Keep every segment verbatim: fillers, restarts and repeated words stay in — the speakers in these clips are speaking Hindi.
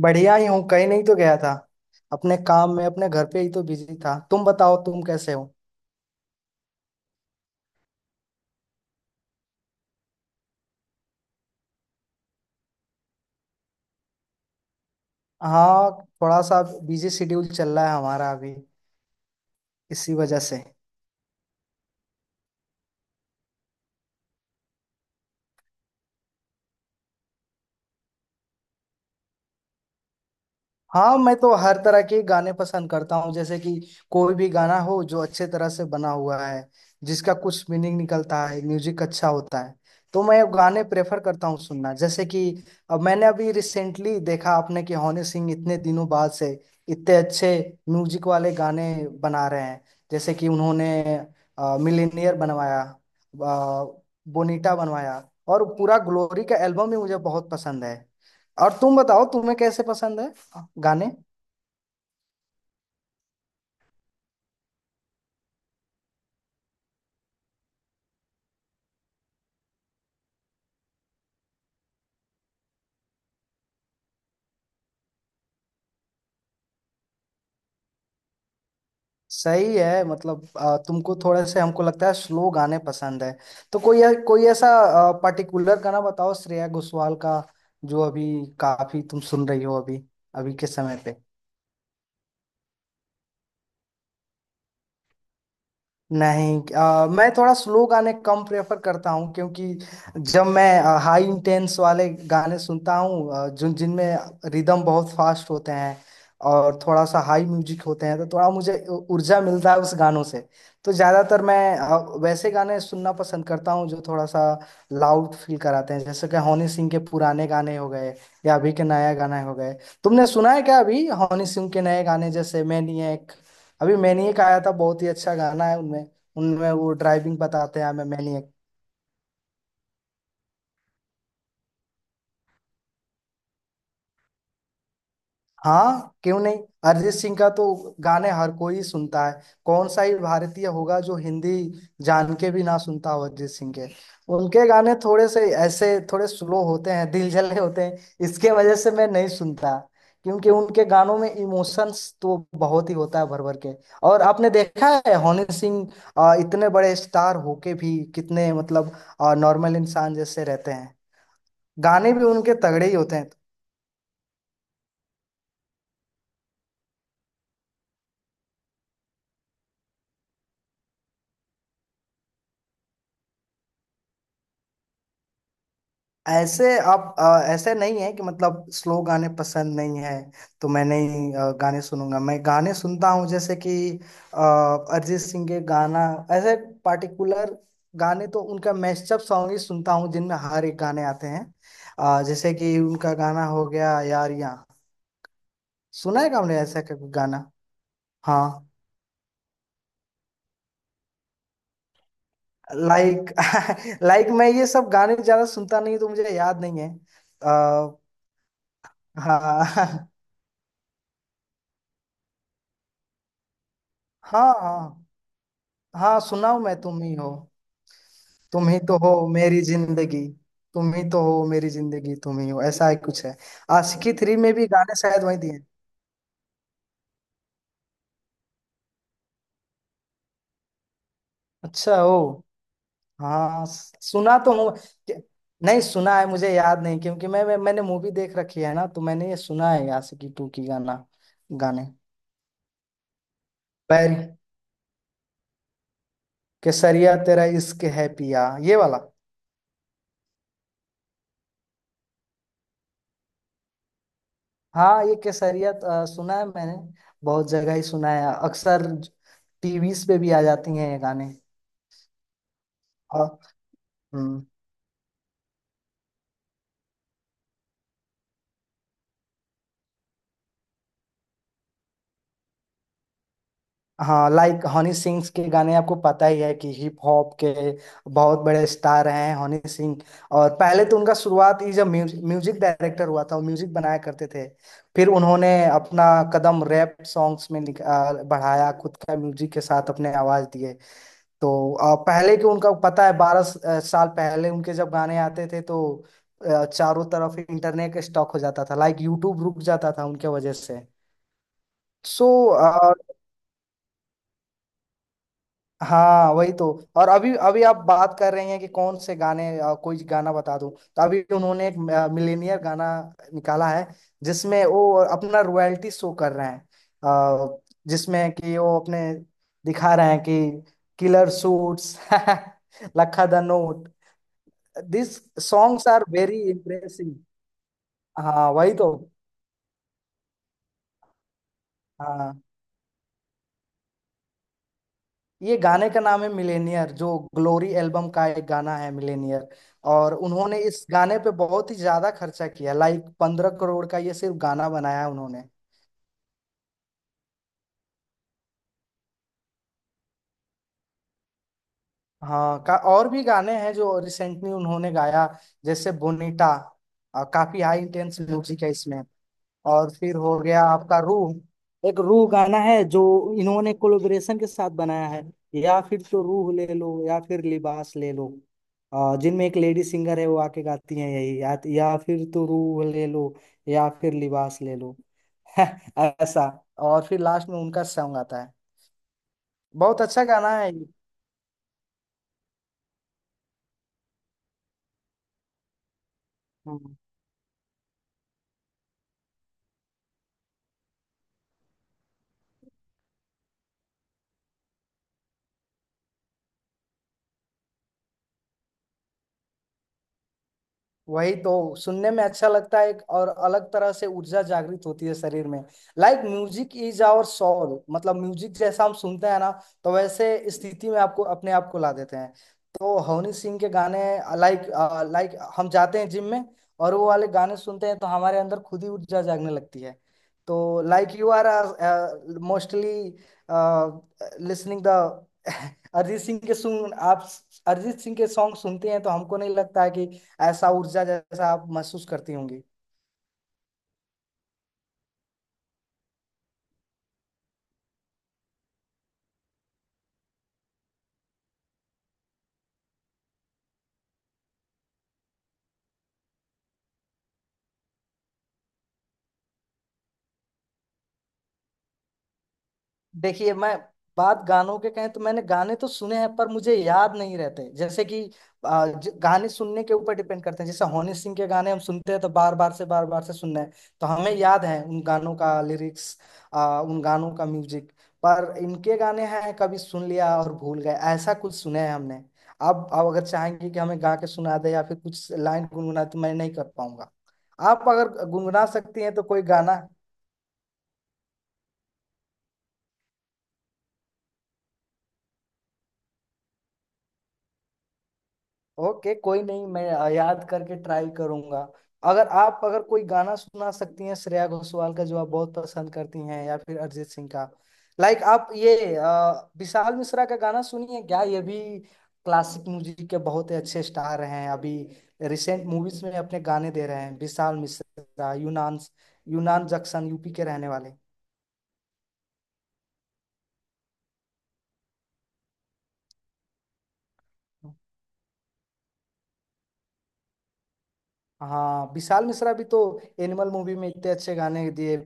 बढ़िया ही हूँ। कहीं नहीं तो गया था। अपने काम में अपने घर पे ही तो बिजी था। तुम बताओ तुम कैसे हो। हाँ, थोड़ा सा बिजी शेड्यूल चल रहा है हमारा अभी। इसी वजह से। हाँ, मैं तो हर तरह के गाने पसंद करता हूँ जैसे कि कोई भी गाना हो जो अच्छे तरह से बना हुआ है, जिसका कुछ मीनिंग निकलता है, म्यूजिक अच्छा होता है, तो मैं गाने प्रेफर करता हूँ सुनना। जैसे कि अब मैंने अभी रिसेंटली देखा आपने कि हनी सिंह इतने दिनों बाद से इतने अच्छे म्यूजिक वाले गाने बना रहे हैं। जैसे कि उन्होंने मिलीनियर बनवाया, बोनीटा बनवाया, और पूरा ग्लोरी का एल्बम ही मुझे बहुत पसंद है। और तुम बताओ तुम्हें कैसे पसंद है गाने। सही है। मतलब अ, तुमको थोड़े से हमको लगता है स्लो गाने पसंद है। तो कोई कोई ऐसा पर्टिकुलर गाना बताओ श्रेया घोषाल का जो अभी काफी तुम सुन रही हो, अभी अभी के समय पे। नहीं, अ, मैं थोड़ा स्लो गाने कम प्रेफर करता हूँ, क्योंकि जब मैं हाई इंटेंस वाले गाने सुनता हूँ अ, जिन जिनमें रिदम बहुत फास्ट होते हैं और थोड़ा सा हाई म्यूजिक होते हैं, तो थोड़ा मुझे उ- ऊर्जा मिलता है उस गानों से। तो ज़्यादातर मैं अ, वैसे गाने सुनना पसंद करता हूँ जो थोड़ा सा लाउड फील कराते हैं। जैसे कि हनी सिंह के पुराने गाने हो गए या अभी के नया गाने हो गए। तुमने सुना है क्या अभी हनी सिंह के नए गाने जैसे मैनिएक। अभी मैनिएक आया था, बहुत ही अच्छा गाना है। उनमें उनमें वो ड्राइविंग बताते हैं हमें, मैनिएक। हाँ, क्यों नहीं। अरिजीत सिंह का तो गाने हर कोई सुनता है। कौन सा ही भारतीय होगा जो हिंदी जान के भी ना सुनता हो अरिजीत सिंह के। उनके गाने थोड़े से ऐसे थोड़े स्लो होते हैं, दिल जले होते हैं, इसके वजह से मैं नहीं सुनता। क्योंकि उनके गानों में इमोशंस तो बहुत ही होता है भर भर के। और आपने देखा है हनी सिंह अ, इतने बड़े स्टार होके भी कितने मतलब नॉर्मल इंसान जैसे रहते हैं। गाने भी उनके तगड़े ही होते हैं। ऐसे आप, अ, ऐसे नहीं है कि मतलब स्लो गाने पसंद नहीं है तो मैं नहीं अ, गाने सुनूंगा। मैं गाने सुनता हूँ जैसे कि अ, अरिजीत सिंह के गाना, ऐसे पार्टिकुलर गाने तो उनका मैशअप सॉन्ग ही सुनता हूँ जिनमें हर एक गाने आते हैं। अ, जैसे कि उनका गाना हो गया यारियां। सुना है क्या आपने ऐसा का कोई गाना। हाँ। लाइक लाइक मैं ये सब गाने ज्यादा सुनता नहीं, तो मुझे याद नहीं है। आ, हाँ हाँ, हाँ। हाँ सुनाओ, मैं तुम ही हो। तुम ही तो हो मेरी जिंदगी। तुम ही तो हो मेरी जिंदगी, तुम ही हो, ऐसा ही कुछ है। आशिकी थ्री में भी गाने शायद वही दिए। अच्छा हो। हाँ, सुना तो हूँ। क्या- नहीं सुना है, मुझे याद नहीं। क्योंकि मैं, मैं मैंने मूवी देख रखी है ना, तो मैंने ये सुना है आशिकी टू की गाना, गाने। पैर केसरिया तेरा इश्क है पिया, ये वाला। हाँ, ये केसरिया अ, सुना है मैंने, बहुत जगह ही सुना है अक्सर। टीवीज पे भी आ जाती हैं ये गाने। हम्म, हाँ, लाइक हनी सिंह के गाने आपको पता ही है कि हिप हॉप के बहुत बड़े स्टार हैं हनी सिंह। और पहले तो उनका शुरुआत ही जब म्यूजिक डायरेक्टर हुआ था, वो म्यूजिक बनाया करते थे। फिर उन्होंने अपना कदम रैप सॉन्ग्स में निक- आ, बढ़ाया, खुद का म्यूजिक के साथ अपने आवाज दिए। तो आ, पहले के उनका पता है, बारह स- आ, साल पहले उनके जब गाने आते थे तो आ, चारों तरफ इंटरनेट स्टॉक हो जाता था, लाइक यूट्यूब रुक जाता था उनके वजह से। सो हाँ, वही तो। और अभी अभी आप बात कर रहे हैं कि कौन से गाने, अ, कोई गाना बता दूं तो अभी उन्होंने एक मिलेनियर गाना निकाला है, जिसमें वो अपना रॉयल्टी शो कर रहे हैं। अ, जिसमें कि वो अपने दिखा रहे हैं कि किलर सूट्स लखा the note, this songs are very impressive. हाँ, वही तो। हाँ, ये गाने का नाम है मिलेनियर, जो ग्लोरी एल्बम का एक गाना है, मिलेनियर। और उन्होंने इस गाने पे बहुत ही ज्यादा खर्चा किया, लाइक पंद्रह करोड़ का ये सिर्फ गाना बनाया है उन्होंने। हाँ, का और भी गाने हैं जो रिसेंटली उन्होंने गाया, जैसे बोनीटा। काफी हाई इंटेंस म्यूजिक है इसमें। और फिर हो गया आपका रूह, एक रूह गाना है जो इन्होंने कोलैबोरेशन के साथ बनाया है। या फिर तो रूह ले लो, या फिर लिबास ले लो। अ, जिनमें एक लेडी सिंगर है वो आके गाती है, यही या, या फिर तो रूह ले लो या फिर लिबास ले लो ऐसा। और फिर लास्ट में उनका सॉन्ग आता है, बहुत अच्छा गाना है ये। वही तो सुनने में अच्छा लगता है, एक और अलग तरह से ऊर्जा जागृत होती है शरीर में। Like music is our soul, मतलब म्यूजिक जैसा हम सुनते हैं ना, तो वैसे स्थिति में आपको अपने आप को ला देते हैं। तो हनी सिंह के गाने, लाइक लाइक हम जाते हैं जिम में और वो वाले गाने सुनते हैं, तो हमारे अंदर खुद ही ऊर्जा जागने लगती है। तो like you are mostly listening the Arijit Singh के, सुन आप अरिजीत सिंह के सॉन्ग सुनते हैं तो हमको नहीं लगता है कि ऐसा ऊर्जा जैसा आप महसूस करती होंगी। देखिए मैं, बात गानों के कहें तो मैंने गाने तो सुने हैं पर मुझे याद नहीं रहते। जैसे कि आ, ज- गाने सुनने के ऊपर डिपेंड करते हैं। जैसे हनी सिंह के गाने हम सुनते हैं तो बार बार से बार बार से सुनना है, तो हमें याद है उन गानों का लिरिक्स, आ, उन गानों का म्यूजिक। पर इनके गाने हैं कभी सुन लिया और भूल गए, ऐसा कुछ सुने हैं हमने। आप आप अगर चाहेंगे कि हमें गा के सुना दे या फिर कुछ लाइन गुनगुना, तो मैं नहीं कर पाऊंगा। आप अगर गुनगुना सकती हैं तो कोई गाना। ओके कोई नहीं, मैं अ, याद करके ट्राई करूंगा। अगर आप, अगर कोई गाना सुना सकती हैं श्रेया घोषाल का जो आप बहुत पसंद करती हैं या फिर अरिजीत सिंह का। लाइक आप ये अ, विशाल मिश्रा का गाना सुनिए क्या, ये भी क्लासिक म्यूजिक के बहुत ही अच्छे स्टार हैं अभी। रिसेंट मूवीज में अपने गाने दे रहे हैं विशाल मिश्रा, यूनान, यूनान जक्शन यूपी के रहने वाले। हाँ, विशाल मिश्रा भी तो एनिमल मूवी में इतने अच्छे गाने दिए।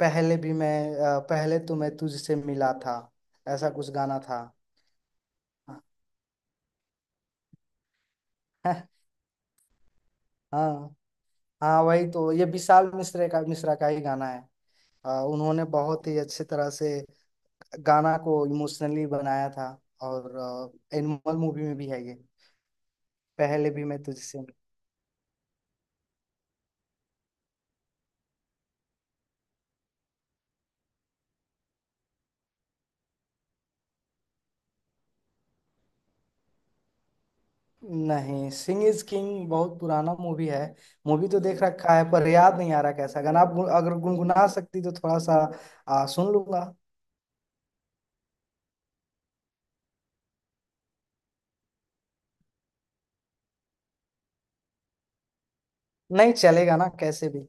पहले भी मैं, अ, पहले तो मैं तुझसे मिला था, ऐसा कुछ गाना था हाँ, हाँ वही तो, ये विशाल मिश्रा का मिश्रा का ही गाना है। अ, उन्होंने बहुत ही अच्छे तरह से गाना को इमोशनली बनाया था। और एनिमल मूवी में भी है ये, पहले भी मैं तुझसे। नहीं, सिंह इज किंग बहुत पुराना मूवी है। मूवी तो देख रखा है पर याद नहीं आ रहा कैसा गाना। आप गु- अगर गुनगुना सकती तो थोड़ा सा आ, सुन लूंगा। नहीं चलेगा ना कैसे भी।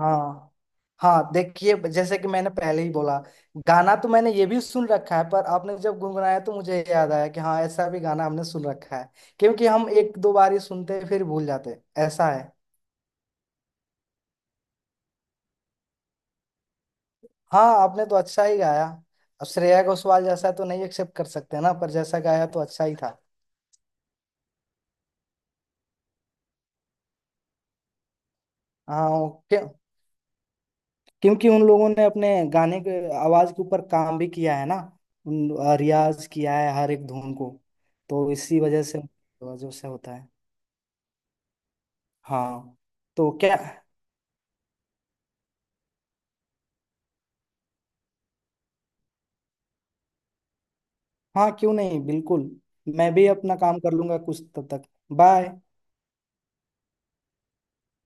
हाँ, हाँ, देखिए जैसे कि मैंने पहले ही बोला, गाना तो मैंने ये भी सुन रखा है पर आपने जब गुनगुनाया तो मुझे याद आया कि हाँ, ऐसा भी गाना हमने सुन रखा है। क्योंकि हम एक दो बार ही सुनते हैं, फिर भूल जाते हैं। ऐसा है। हाँ, आपने तो अच्छा ही गाया। अब श्रेया घोषाल जैसा तो नहीं एक्सेप्ट कर सकते ना, पर जैसा गाया तो अच्छा ही था। हाँ क्यों- क्योंकि उन लोगों ने अपने गाने के आवाज के ऊपर काम भी किया है ना। उन अ, रियाज किया है हर एक धुन को, तो इसी वजह से वजह से होता है। हाँ तो क्या, हाँ क्यों नहीं बिल्कुल। मैं भी अपना काम कर लूंगा कुछ तब तक। बाय।